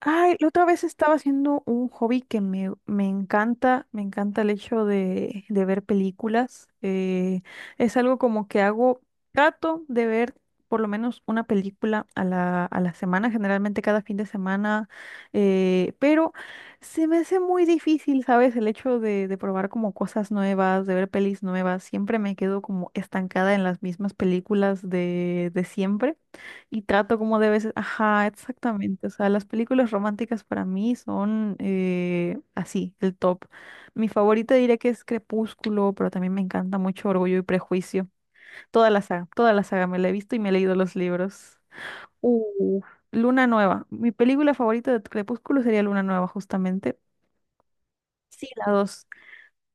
Ay, la otra vez estaba haciendo un hobby que me encanta, me encanta el hecho de ver películas. Es algo como que hago, trato de ver por lo menos una película a la semana, generalmente cada fin de semana, pero se me hace muy difícil, ¿sabes? El hecho de probar como cosas nuevas, de ver pelis nuevas, siempre me quedo como estancada en las mismas películas de siempre. Y trato como debe ser. Ajá, exactamente. O sea, las películas románticas para mí son así, el top. Mi favorita diré que es Crepúsculo, pero también me encanta mucho Orgullo y Prejuicio. Toda la saga me la he visto y me he leído los libros. Uh, Luna Nueva. Mi película favorita de Crepúsculo sería Luna Nueva, justamente. Sí, la dos.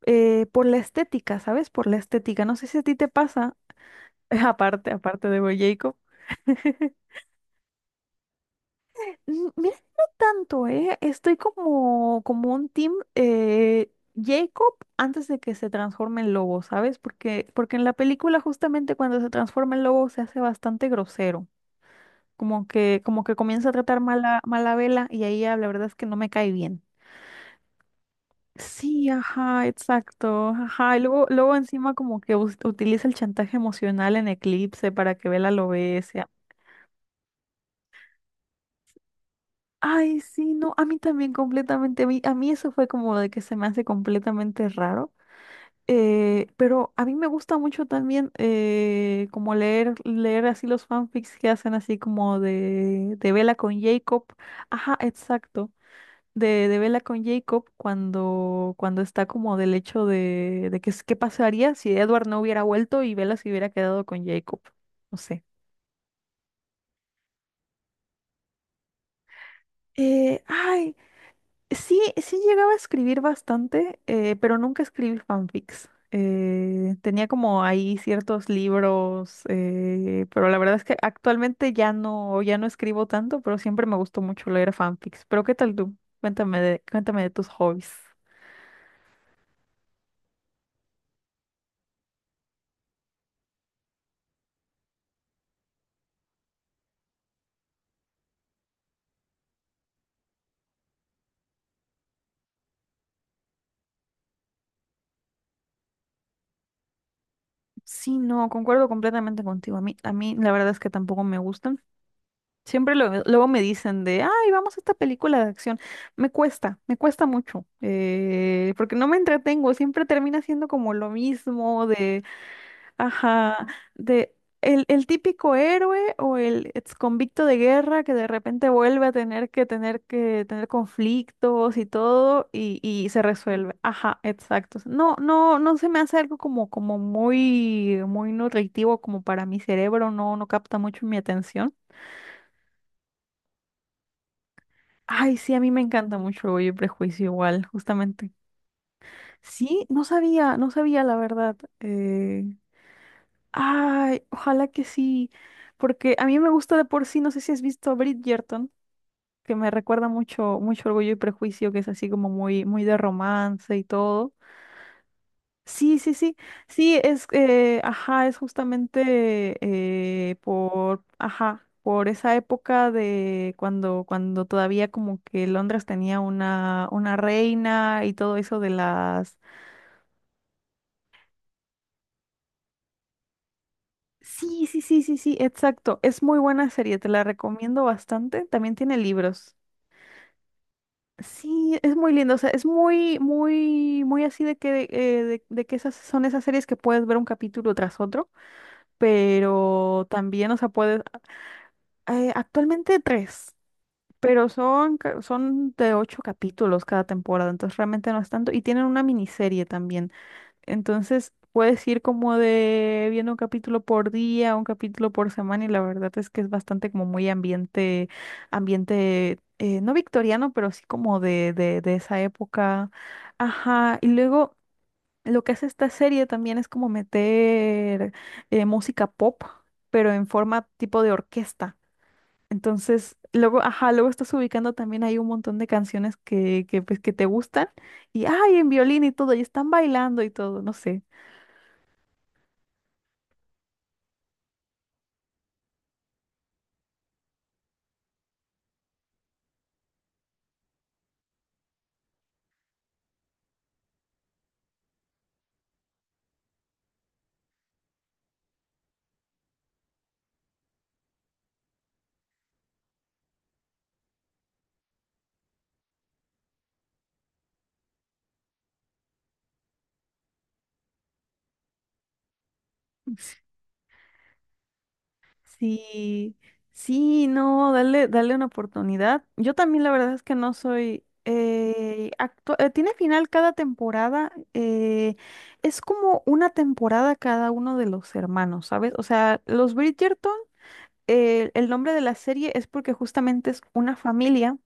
Por la estética, ¿sabes? Por la estética. No sé si a ti te pasa, aparte, aparte de Boy Jacob. Mm, mira, no tanto, ¿eh? Estoy como un team Jacob antes de que se transforme en lobo, ¿sabes? Porque en la película justamente cuando se transforma en lobo se hace bastante grosero, como que comienza a tratar mala, mala vela y ahí ya la verdad es que no me cae bien. Sí, ajá, exacto, ajá. Y luego encima como que utiliza el chantaje emocional en Eclipse para que Vela lo bese. Ay, sí, no, a mí también completamente, a mí eso fue como de que se me hace completamente raro, pero a mí me gusta mucho también como leer, leer así los fanfics que hacen así como de Bella con Jacob, ajá, exacto, de Bella con Jacob cuando está como del hecho de que qué pasaría si Edward no hubiera vuelto y Bella se hubiera quedado con Jacob, no sé. Ay. Sí, sí llegaba a escribir bastante, pero nunca escribí fanfics. Tenía como ahí ciertos libros, pero la verdad es que actualmente ya no, ya no escribo tanto, pero siempre me gustó mucho leer fanfics. Pero ¿qué tal tú? Cuéntame de tus hobbies. Sí, no, concuerdo completamente contigo. A mí la verdad es que tampoco me gustan. Siempre luego me dicen de, ay, vamos a esta película de acción. Me cuesta mucho, porque no me entretengo, siempre termina siendo como lo mismo de, ajá, de el típico héroe o el ex convicto de guerra que de repente vuelve a tener que tener que tener conflictos y todo y se resuelve. Ajá, exacto. No, no, no se me hace algo como, como muy, muy nutritivo como para mi cerebro, no, no capta mucho mi atención. Ay, sí, a mí me encanta mucho Orgullo y Prejuicio igual, justamente. Sí, no sabía, no sabía la verdad. Ay, ojalá que sí, porque a mí me gusta de por sí, no sé si has visto Bridgerton, que me recuerda mucho, mucho Orgullo y Prejuicio, que es así como muy, muy de romance y todo. Sí, sí, sí, sí, es, ajá, es justamente por, ajá, por esa época de cuando todavía como que Londres tenía una reina y todo eso de las... Sí, sí, sí, sí, sí, exacto, es muy buena serie, te la recomiendo bastante, también tiene libros. Sí, es muy lindo, o sea, es muy, muy, muy así de que esas son esas series que puedes ver un capítulo tras otro, pero también, o sea, puedes actualmente tres, pero son, son de ocho capítulos cada temporada, entonces realmente no es tanto. Y tienen una miniserie también. Entonces puedes ir como de viendo un capítulo por día, un capítulo por semana, y la verdad es que es bastante como muy ambiente, ambiente, no victoriano, pero sí como de esa época. Ajá. Y luego lo que hace esta serie también es como meter música pop, pero en forma tipo de orquesta. Entonces, luego, ajá, luego estás ubicando también hay un montón de canciones que, pues, que te gustan y, ay, en violín y todo, y están bailando y todo, no sé. S- Sí, sí, no, dale, dale una oportunidad. Yo también la verdad es que no soy... tiene final cada temporada. Es como una temporada cada uno de los hermanos, ¿sabes? O sea, los Bridgerton. El nombre de la serie es porque justamente es una familia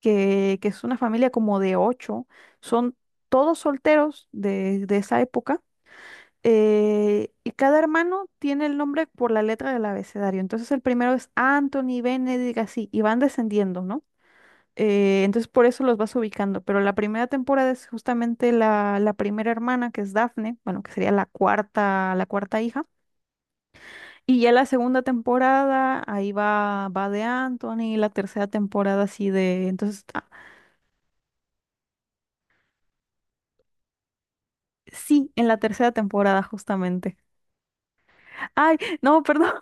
que es una familia como de ocho, son todos solteros de esa época, y cada hermano tiene el nombre por la letra del abecedario. Entonces el primero es Anthony, Benedict, así, y van descendiendo, ¿no? Entonces por eso los vas ubicando, pero la primera temporada es justamente la primera hermana, que es Daphne, bueno, que sería la cuarta hija y ya la segunda temporada, ahí va, va de Anthony, la tercera temporada así de... Entonces, ah, sí, en la tercera temporada justamente. Ay, no, perdón.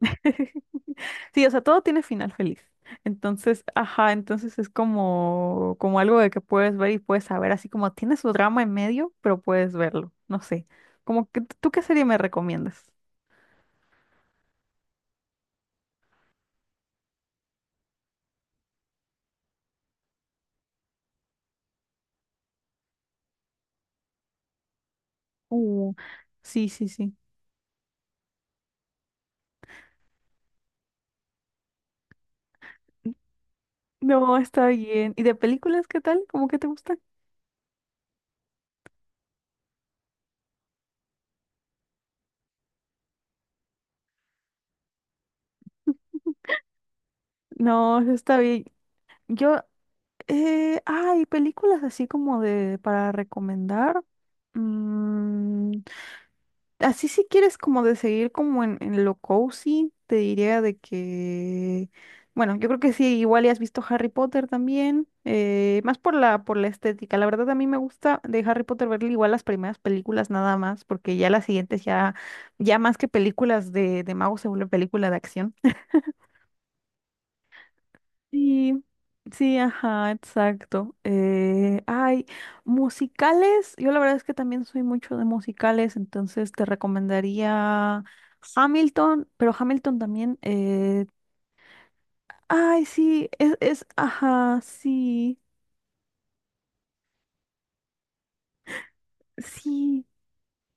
Sí, o sea, todo tiene final feliz. Entonces, ajá, entonces es como, como algo de que puedes ver y puedes saber, así como tiene su drama en medio, pero puedes verlo. No sé. Como que, ¿tú qué serie me recomiendas? Uh, sí, sí, sí. No, está bien. ¿Y de películas qué tal? ¿Cómo que te gusta? No, está bien. Yo hay películas así como de para recomendar. Mm, Así si quieres como de seguir como en lo cozy, te diría de que, bueno, yo creo que sí, igual ya has visto Harry Potter también, más por la estética. La verdad a mí me gusta de Harry Potter ver igual las primeras películas nada más, porque ya las siguientes ya, ya más que películas de magos se vuelve película de acción. Sí, sí, ajá, exacto. Musicales, yo la verdad es que también soy mucho de musicales, entonces te recomendaría Hamilton, pero Hamilton también, ay, sí, es, ajá, sí, sí,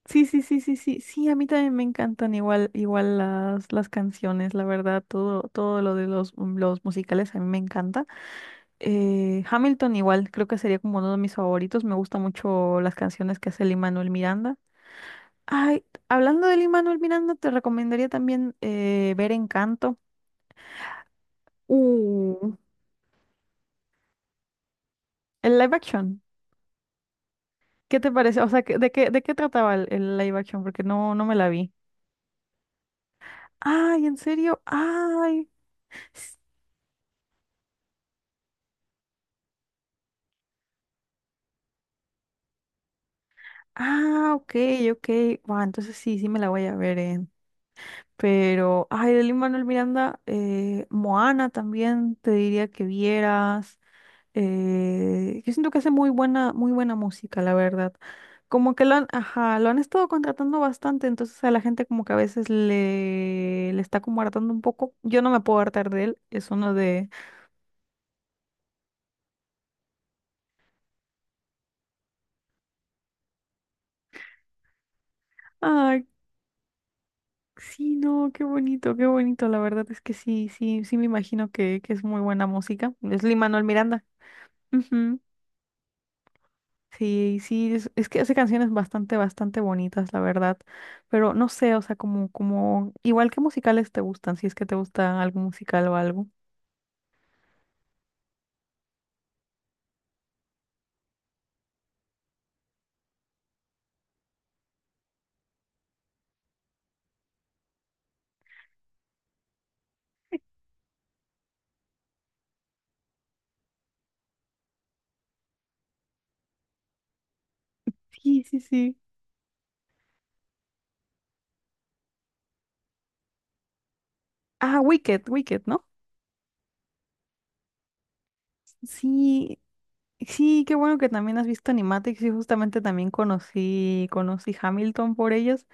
sí, sí, sí, sí, sí, sí, a mí también me encantan igual, igual las canciones, la verdad, todo, todo lo de los musicales a mí me encanta. Hamilton igual, creo que sería como uno de mis favoritos. Me gustan mucho las canciones que hace Lin-Manuel Miranda. Ay, hablando de Lin-Manuel Miranda, te recomendaría también ver Encanto. Uh, el live action. ¿Qué te parece? O sea, de qué trataba el live action? Porque no, no me la vi. Ay, ¿en serio? Ay. S- Ah, ok, ok. Buah, entonces sí, sí me la voy a ver. Pero, ay, de Lin-Manuel Miranda, Moana también te diría que vieras. Yo siento que hace muy buena música, la verdad. Como que lo han, ajá, lo han estado contratando bastante, entonces a la gente como que a veces le, le está como hartando un poco. Yo no me puedo hartar de él, es uno de, ay, sí, no, qué bonito, la verdad es que sí, sí, sí me imagino que es muy buena música. Es Lin-Manuel Miranda. Sí, sí, es que hace canciones bastante, bastante bonitas, la verdad. Pero no sé, o sea, como, como, igual que musicales te gustan, si es que te gusta algún musical o algo. Sí, sí, sí. Ah, Wicked, Wicked, ¿no? Sí, sí, qué bueno que también has visto Animatics y justamente también conocí, conocí Hamilton por ellas.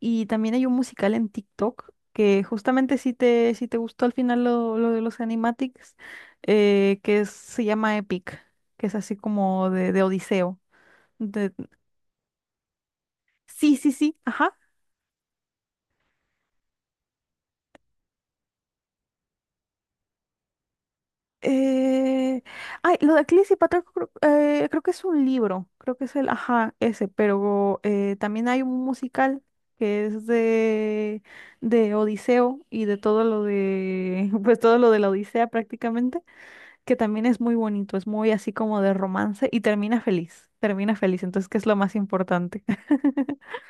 Y también hay un musical en TikTok que justamente si te, si te gustó al final lo de los Animatics, que se llama Epic, que es así como de Odiseo. De- Sí, sí, sí, ajá. Eh, Ay, lo de Cleese y Patroclus creo, creo que es un libro, creo que es el, ajá, ese, pero también hay un musical que es de Odiseo y de todo lo de, pues todo lo de la Odisea prácticamente, que también es muy bonito, es muy así como de romance y termina feliz, entonces, ¿qué es lo más importante?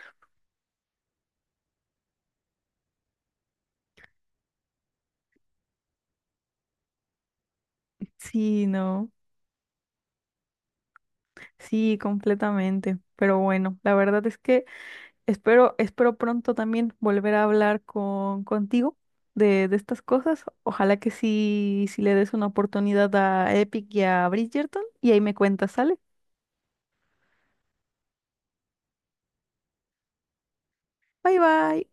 Sí, no, sí, completamente, pero bueno, la verdad es que... Espero, espero pronto también volver a hablar con, contigo de estas cosas. Ojalá que sí, sí le des una oportunidad a Epic y a Bridgerton y ahí me cuentas, ¿sale? Bye bye.